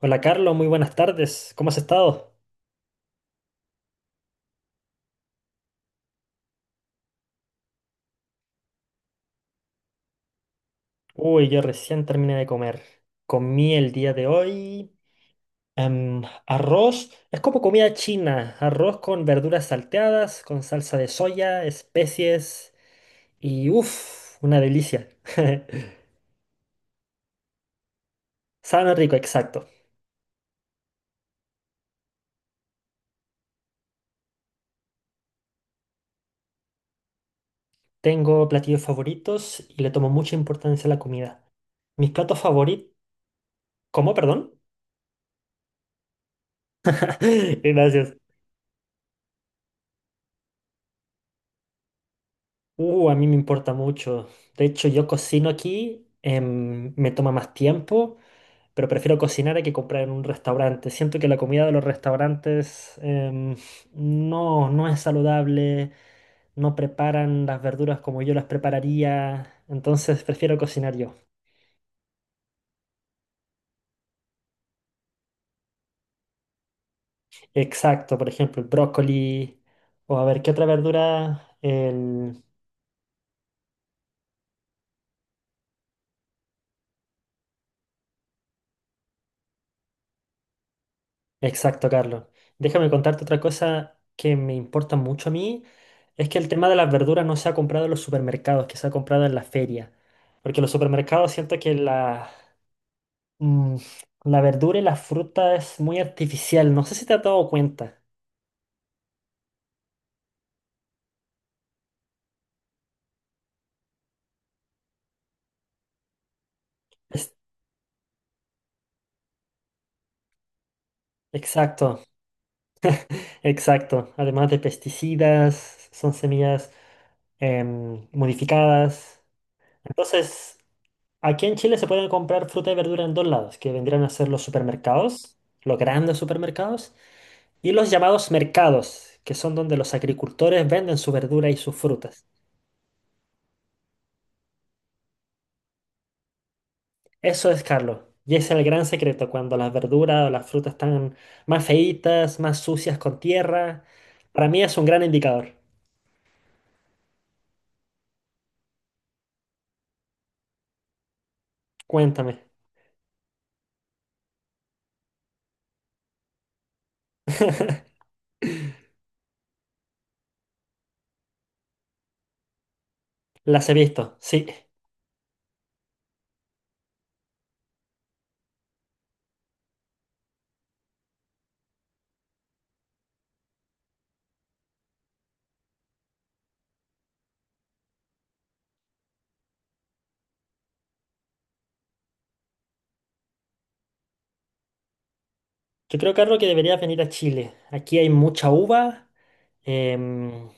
Hola Carlos, muy buenas tardes. ¿Cómo has estado? Uy, yo recién terminé de comer. Comí el día de hoy arroz. Es como comida china. Arroz con verduras salteadas, con salsa de soya, especies y uff, una delicia. Sabe rico, exacto. Tengo platillos favoritos y le tomo mucha importancia a la comida. Mis platos favoritos... ¿Cómo, perdón? Gracias. A mí me importa mucho. De hecho, yo cocino aquí, me toma más tiempo, pero prefiero cocinar a que comprar en un restaurante. Siento que la comida de los restaurantes no, no es saludable, no preparan las verduras como yo las prepararía, entonces prefiero cocinar yo. Exacto, por ejemplo, el brócoli, o a ver, ¿qué otra verdura? Exacto, Carlos. Déjame contarte otra cosa que me importa mucho a mí, es que el tema de las verduras no se ha comprado en los supermercados, que se ha comprado en la feria. Porque los supermercados siento que mm, la verdura y la fruta es muy artificial, no sé si te has dado cuenta. Es- exacto, exacto. Además de pesticidas, son semillas modificadas. Entonces, aquí en Chile se pueden comprar fruta y verdura en dos lados, que vendrían a ser los supermercados, los grandes supermercados, y los llamados mercados, que son donde los agricultores venden su verdura y sus frutas. Eso es, Carlos. Y ese es el gran secreto, cuando las verduras o las frutas están más feitas, más sucias con tierra. Para mí es un gran indicador. Cuéntame. Las he visto, sí. Yo creo, Carlos, que deberías venir a Chile. Aquí hay mucha uva. em,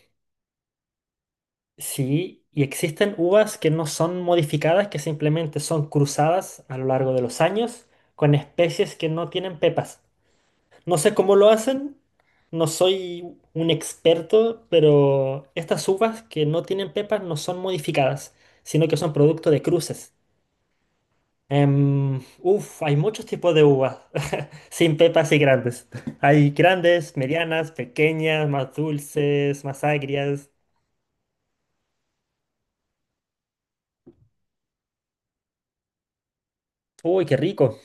Sí, y existen uvas que no son modificadas, que simplemente son cruzadas a lo largo de los años con especies que no tienen pepas. No sé cómo lo hacen, no soy un experto, pero estas uvas que no tienen pepas no son modificadas, sino que son producto de cruces. Uf, hay muchos tipos de uvas, sin pepas y grandes. Hay grandes, medianas, pequeñas, más dulces, más agrias. Uy, qué rico.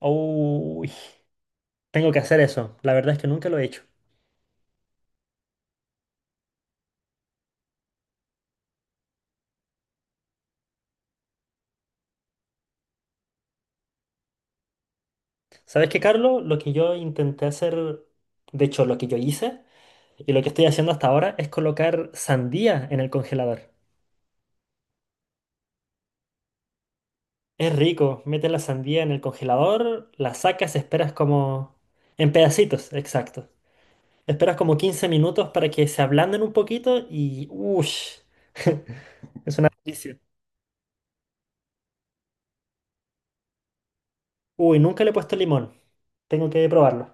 Uy. Tengo que hacer eso. La verdad es que nunca lo he hecho. ¿Sabes qué, Carlos? Lo que yo intenté hacer, de hecho, lo que yo hice y lo que estoy haciendo hasta ahora es colocar sandía en el congelador. Es rico. Metes la sandía en el congelador, la sacas, esperas como... En pedacitos, exacto. Esperas como 15 minutos para que se ablanden un poquito y... ¡Ush! Es una delicia. Uy, nunca le he puesto limón. Tengo que probarlo.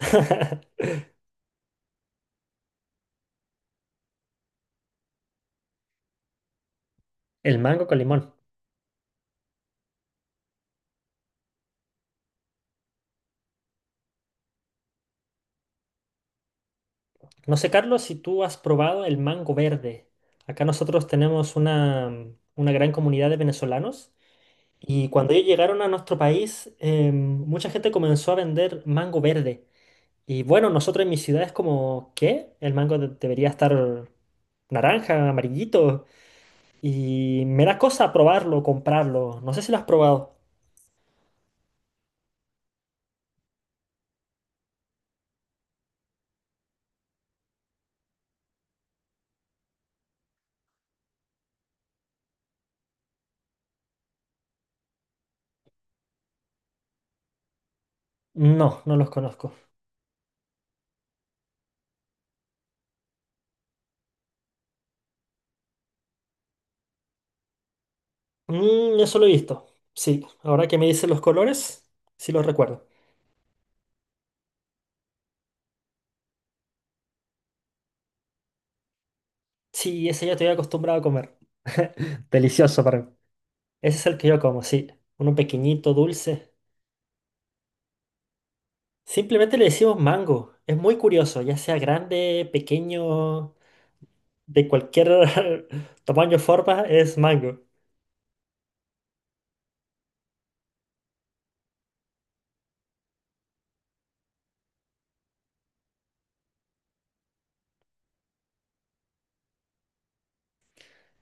El mango con limón. No sé, Carlos, si tú has probado el mango verde. Acá nosotros tenemos una gran comunidad de venezolanos y cuando ellos llegaron a nuestro país, mucha gente comenzó a vender mango verde. Y bueno, nosotros en mi ciudad es como, ¿qué? El mango debería estar naranja, amarillito. Y me da cosa probarlo, comprarlo. No sé si lo has probado. No, no los conozco. Mm, eso lo he visto. Sí, ahora que me dicen los colores, sí los recuerdo. Sí, ese yo estoy acostumbrado a comer. Delicioso para mí. Ese es el que yo como, sí. Uno pequeñito, dulce. Simplemente le decimos mango. Es muy curioso, ya sea grande, pequeño, de cualquier tamaño o forma, es mango.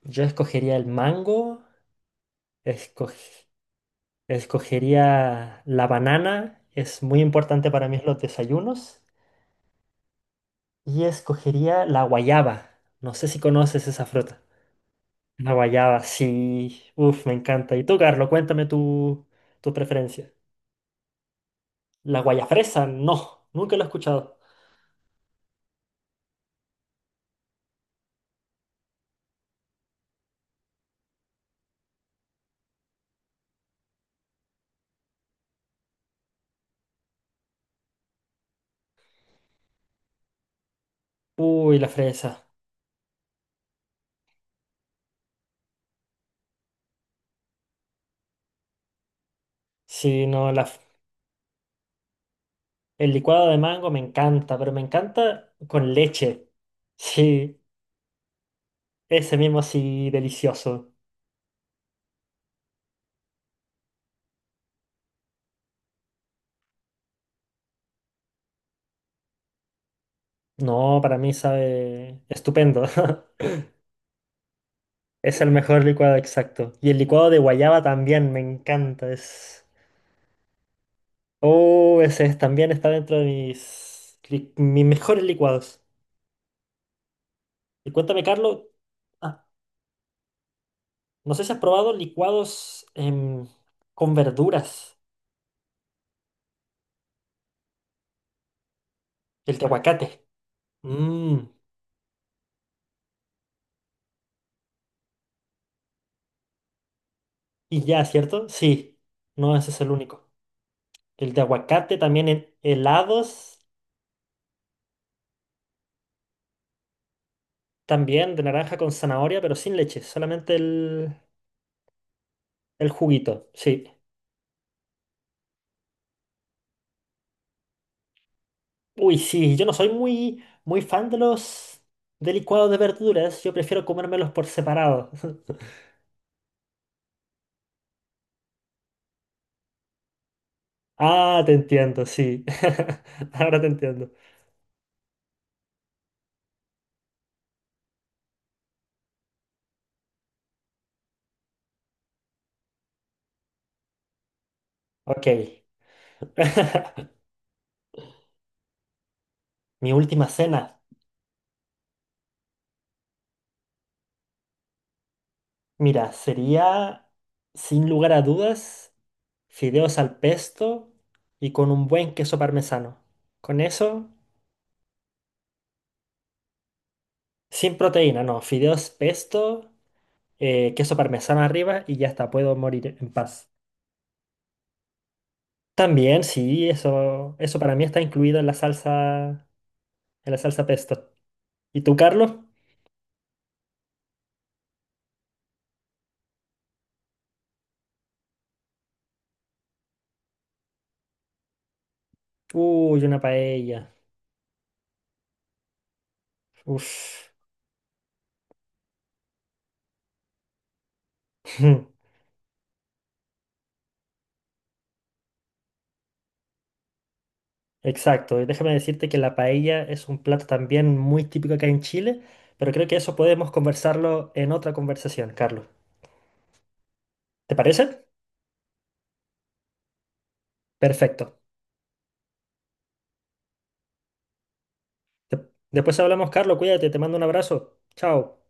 Yo escogería el mango, escog- escogería la banana, es muy importante para mí en los desayunos, y escogería la guayaba. No sé si conoces esa fruta. Una guayaba, sí. Uf, me encanta. Y tú, Carlos, cuéntame tu preferencia. La guayafresa, no. Nunca lo he escuchado. Uy, la fresa. Sí, no, el licuado de mango me encanta, pero me encanta con leche. Sí, ese mismo sí, delicioso. No, para mí sabe estupendo. Es el mejor licuado exacto. Y el licuado de guayaba también me encanta. Es... Oh, ese es- también está dentro de mis mejores licuados. Y cuéntame, Carlos, ah, no sé si has probado licuados con verduras, el de aguacate. Mm, y ya, ¿cierto? Sí, no, ese es el único. El de aguacate también en helados, también de naranja con zanahoria, pero sin leche, solamente el juguito, sí. Uy, sí, yo no soy muy, muy fan de los de licuados de verduras, yo prefiero comérmelos por separado. Ah, te entiendo, sí. Ahora te entiendo. Ok. Mi última cena. Mira, sería, sin lugar a dudas, fideos al pesto y con un buen queso parmesano. Con eso, sin proteína, no, fideos pesto, queso parmesano arriba y ya está, puedo morir en paz. También, sí, eso para mí está incluido en la salsa pesto. ¿Y tú, Carlos? Uy, una paella. Uf. Exacto, y déjame decirte que la paella es un plato también muy típico acá en Chile, pero creo que eso podemos conversarlo en otra conversación, Carlos. ¿Te parece? Perfecto. De- Después hablamos, Carlos, cuídate, te mando un abrazo. Chao.